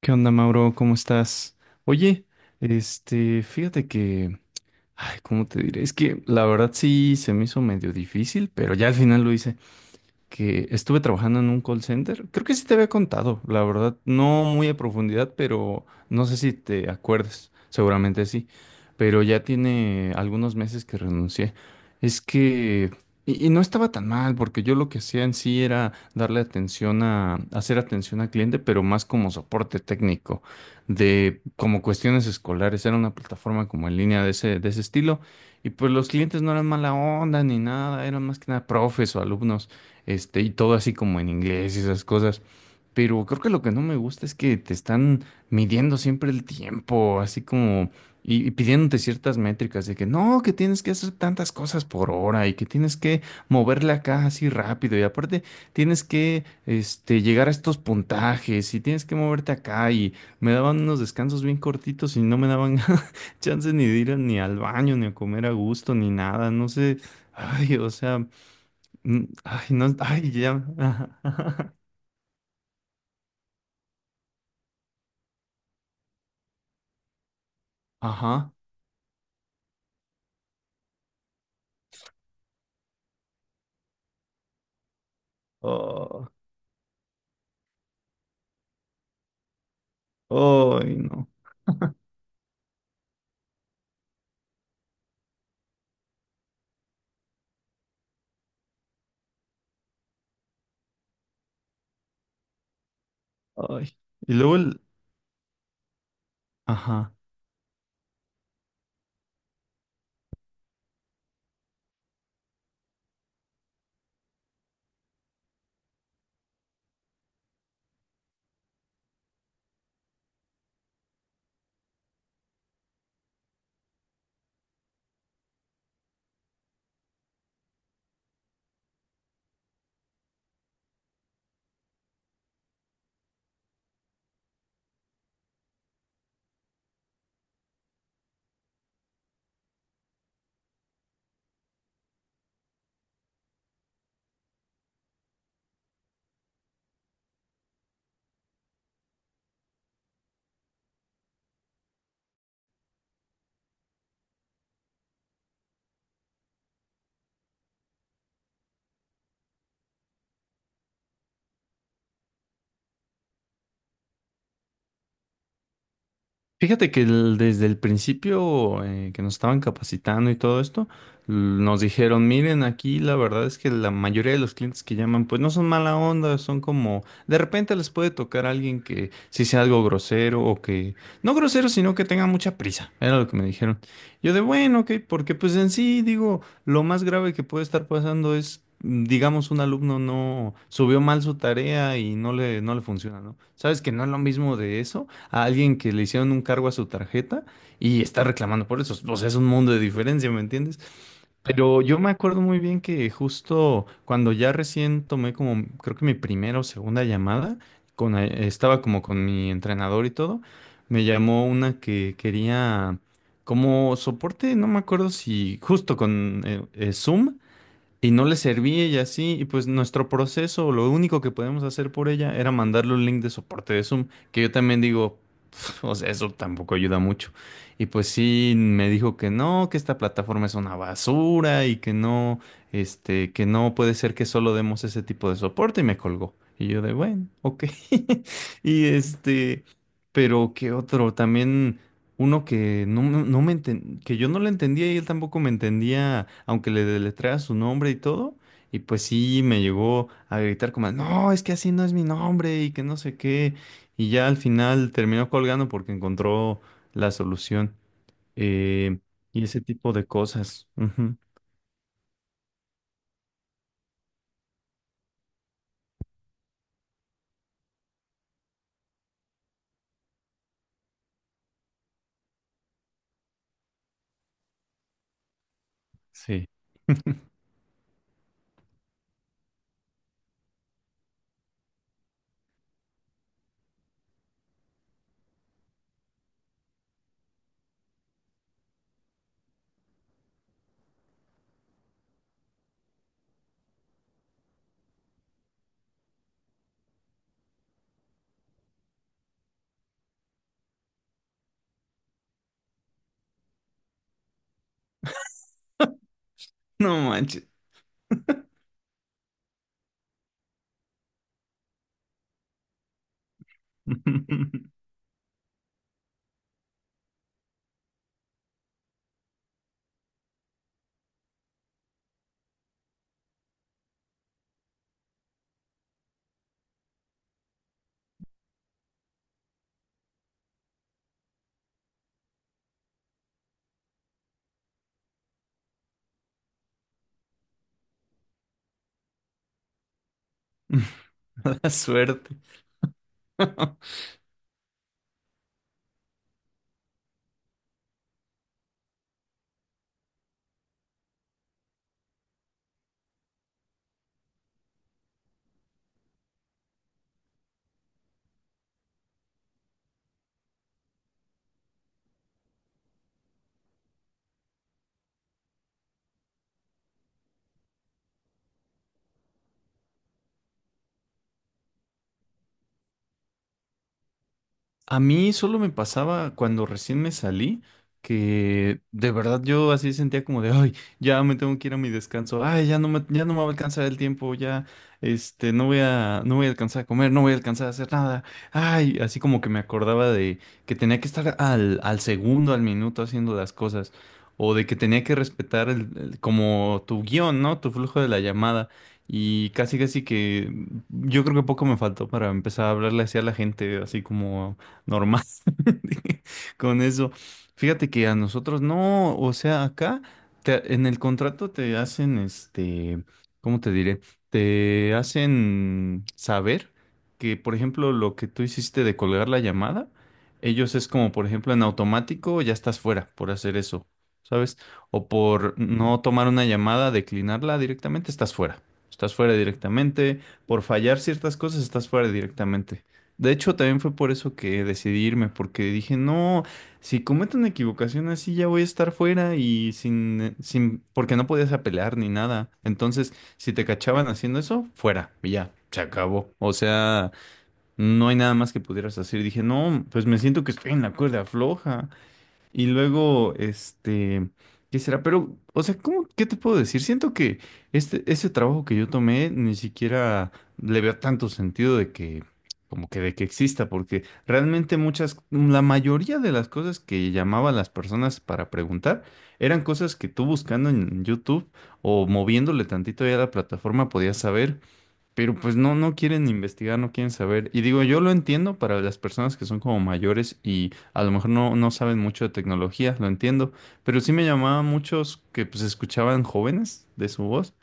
¿Qué onda, Mauro? ¿Cómo estás? Oye, fíjate que, ay, ¿cómo te diré? Es que la verdad sí se me hizo medio difícil, pero ya al final lo hice que estuve trabajando en un call center. Creo que sí te había contado, la verdad, no muy a profundidad, pero no sé si te acuerdas, seguramente sí, pero ya tiene algunos meses que renuncié. Es que, y no estaba tan mal, porque yo lo que hacía en sí era darle atención a, hacer atención al cliente, pero más como soporte técnico, de como cuestiones escolares, era una plataforma como en línea de de ese estilo. Y pues los clientes no eran mala onda ni nada, eran más que nada profes o alumnos, y todo así como en inglés y esas cosas. Pero creo que lo que no me gusta es que te están midiendo siempre el tiempo, así como, y pidiéndote ciertas métricas de que no, que tienes que hacer tantas cosas por hora y que tienes que mover la caja así rápido y aparte tienes que, llegar a estos puntajes y tienes que moverte acá y me daban unos descansos bien cortitos y no me daban chance ni de ir ni al baño, ni a comer a gusto, ni nada, no sé, ay, o sea... ay, no, ay, ya. Ajá. Ajá. Oh, ay, no. Ay. Y luego el. Ajá. Fíjate que el- desde el principio, que nos estaban capacitando y todo esto, l- nos dijeron, miren, aquí la verdad es que la mayoría de los clientes que llaman, pues no son mala onda, son como, de repente les puede tocar a alguien que sí sea algo grosero o que, no grosero, sino que tenga mucha prisa, era lo que me dijeron. Yo de, bueno, ok, porque pues en sí, digo, lo más grave que puede estar pasando es, digamos, un alumno no subió mal su tarea y no le, no le funciona, ¿no? Sabes que no es lo mismo de eso a alguien que le hicieron un cargo a su tarjeta y está reclamando por eso. O sea, es un mundo de diferencia, ¿me entiendes? Pero yo me acuerdo muy bien que justo cuando ya recién tomé como, creo que mi primera o segunda llamada, con, estaba como con mi entrenador y todo, me llamó una que quería como soporte, no me acuerdo si justo con Zoom. Y no le servía y así, y pues nuestro proceso, lo único que podíamos hacer por ella era mandarle un link de soporte de Zoom, que yo también digo, "Pf, o sea, eso tampoco ayuda mucho. Y pues sí, me dijo que no, que esta plataforma es una basura y que no, que no puede ser que solo demos ese tipo de soporte y me colgó. Y yo de, bueno, ok. Y pero qué otro, también... Uno que no, no me enten- que yo no le entendía y él tampoco me entendía, aunque le deletreara su nombre y todo. Y pues sí, me llegó a gritar como, no, es que así no es mi nombre y que no sé qué. Y ya al final terminó colgando porque encontró la solución. Eh, y ese tipo de cosas. Ujú. Sí. No manches. Mala suerte. A mí solo me pasaba cuando recién me salí, que de verdad yo así sentía como de, ay, ya me tengo que ir a mi descanso, ay, ya no me va a alcanzar el tiempo, ya, no voy a, no voy a alcanzar a comer, no voy a alcanzar a hacer nada, ay, así como que me acordaba de que tenía que estar al, al segundo, al minuto haciendo las cosas, o de que tenía que respetar el- como tu guión, ¿no? Tu flujo de la llamada. Y casi casi que yo creo que poco me faltó para empezar a hablarle así a la gente, así como normal con eso. Fíjate que a nosotros no, o sea, acá en el contrato te hacen, ¿cómo te diré? Te hacen saber que, por ejemplo, lo que tú hiciste de colgar la llamada, ellos es como, por ejemplo, en automático ya estás fuera por hacer eso, ¿sabes? O por no tomar una llamada, declinarla directamente, estás fuera. Estás fuera directamente. Por fallar ciertas cosas, estás fuera directamente. De hecho, también fue por eso que decidí irme, porque dije, no, si cometo una equivocación así ya voy a estar fuera y sin, sin, porque no podías apelar ni nada. Entonces, si te cachaban haciendo eso, fuera, y ya, se acabó. O sea, no hay nada más que pudieras hacer. Dije, no, pues me siento que estoy en la cuerda floja. Y luego, ¿qué será? Pero, o sea, ¿cómo, qué te puedo decir? Siento que ese trabajo que yo tomé ni siquiera le veo tanto sentido de que, como que de que exista, porque realmente muchas, la mayoría de las cosas que llamaban las personas para preguntar eran cosas que tú buscando en YouTube o moviéndole tantito ya a la plataforma podías saber. Pero pues no, no quieren investigar, no quieren saber. Y digo, yo lo entiendo para las personas que son como mayores y a lo mejor no, no saben mucho de tecnología, lo entiendo. Pero sí me llamaba muchos que pues escuchaban jóvenes de su voz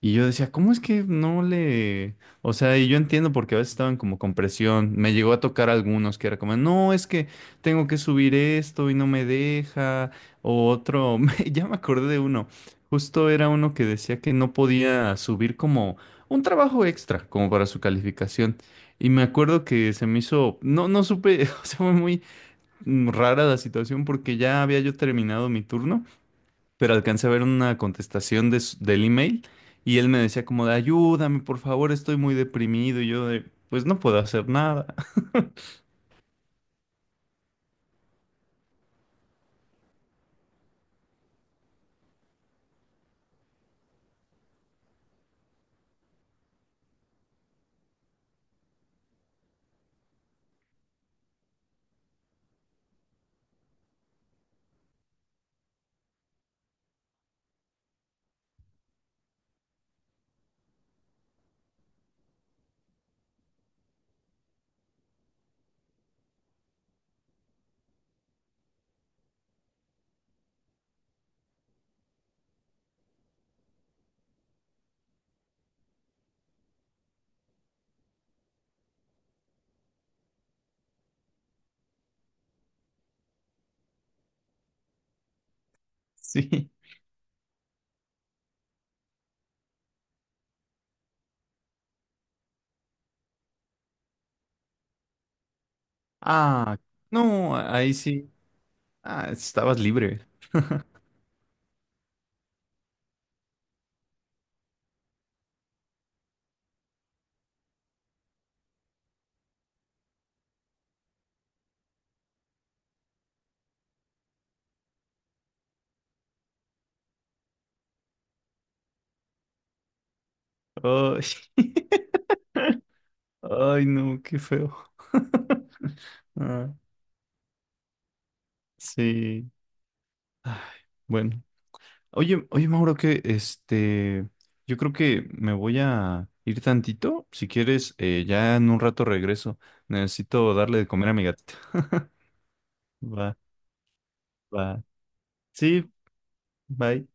y yo decía, ¿cómo es que no le...? O sea, y yo entiendo porque a veces estaban como con presión. Me llegó a tocar algunos que era como, no, es que tengo que subir esto y no me deja. O otro, ya me acordé de uno. Justo era uno que decía que no podía subir como un trabajo extra, como para su calificación. Y me acuerdo que se me hizo, no, no supe, o sea, fue muy rara la situación porque ya había yo terminado mi turno pero alcancé a ver una contestación de del email y él me decía como de ayúdame, por favor, estoy muy deprimido y yo de pues no puedo hacer nada. Sí. Ah, no, ahí sí. Ah, estabas libre. Ay, ay, no, qué feo. Ah, sí. Ay, bueno. Oye, oye, Mauro, que yo creo que me voy a ir tantito. Si quieres, ya en un rato regreso. Necesito darle de comer a mi gatita. Va, va. Sí, bye.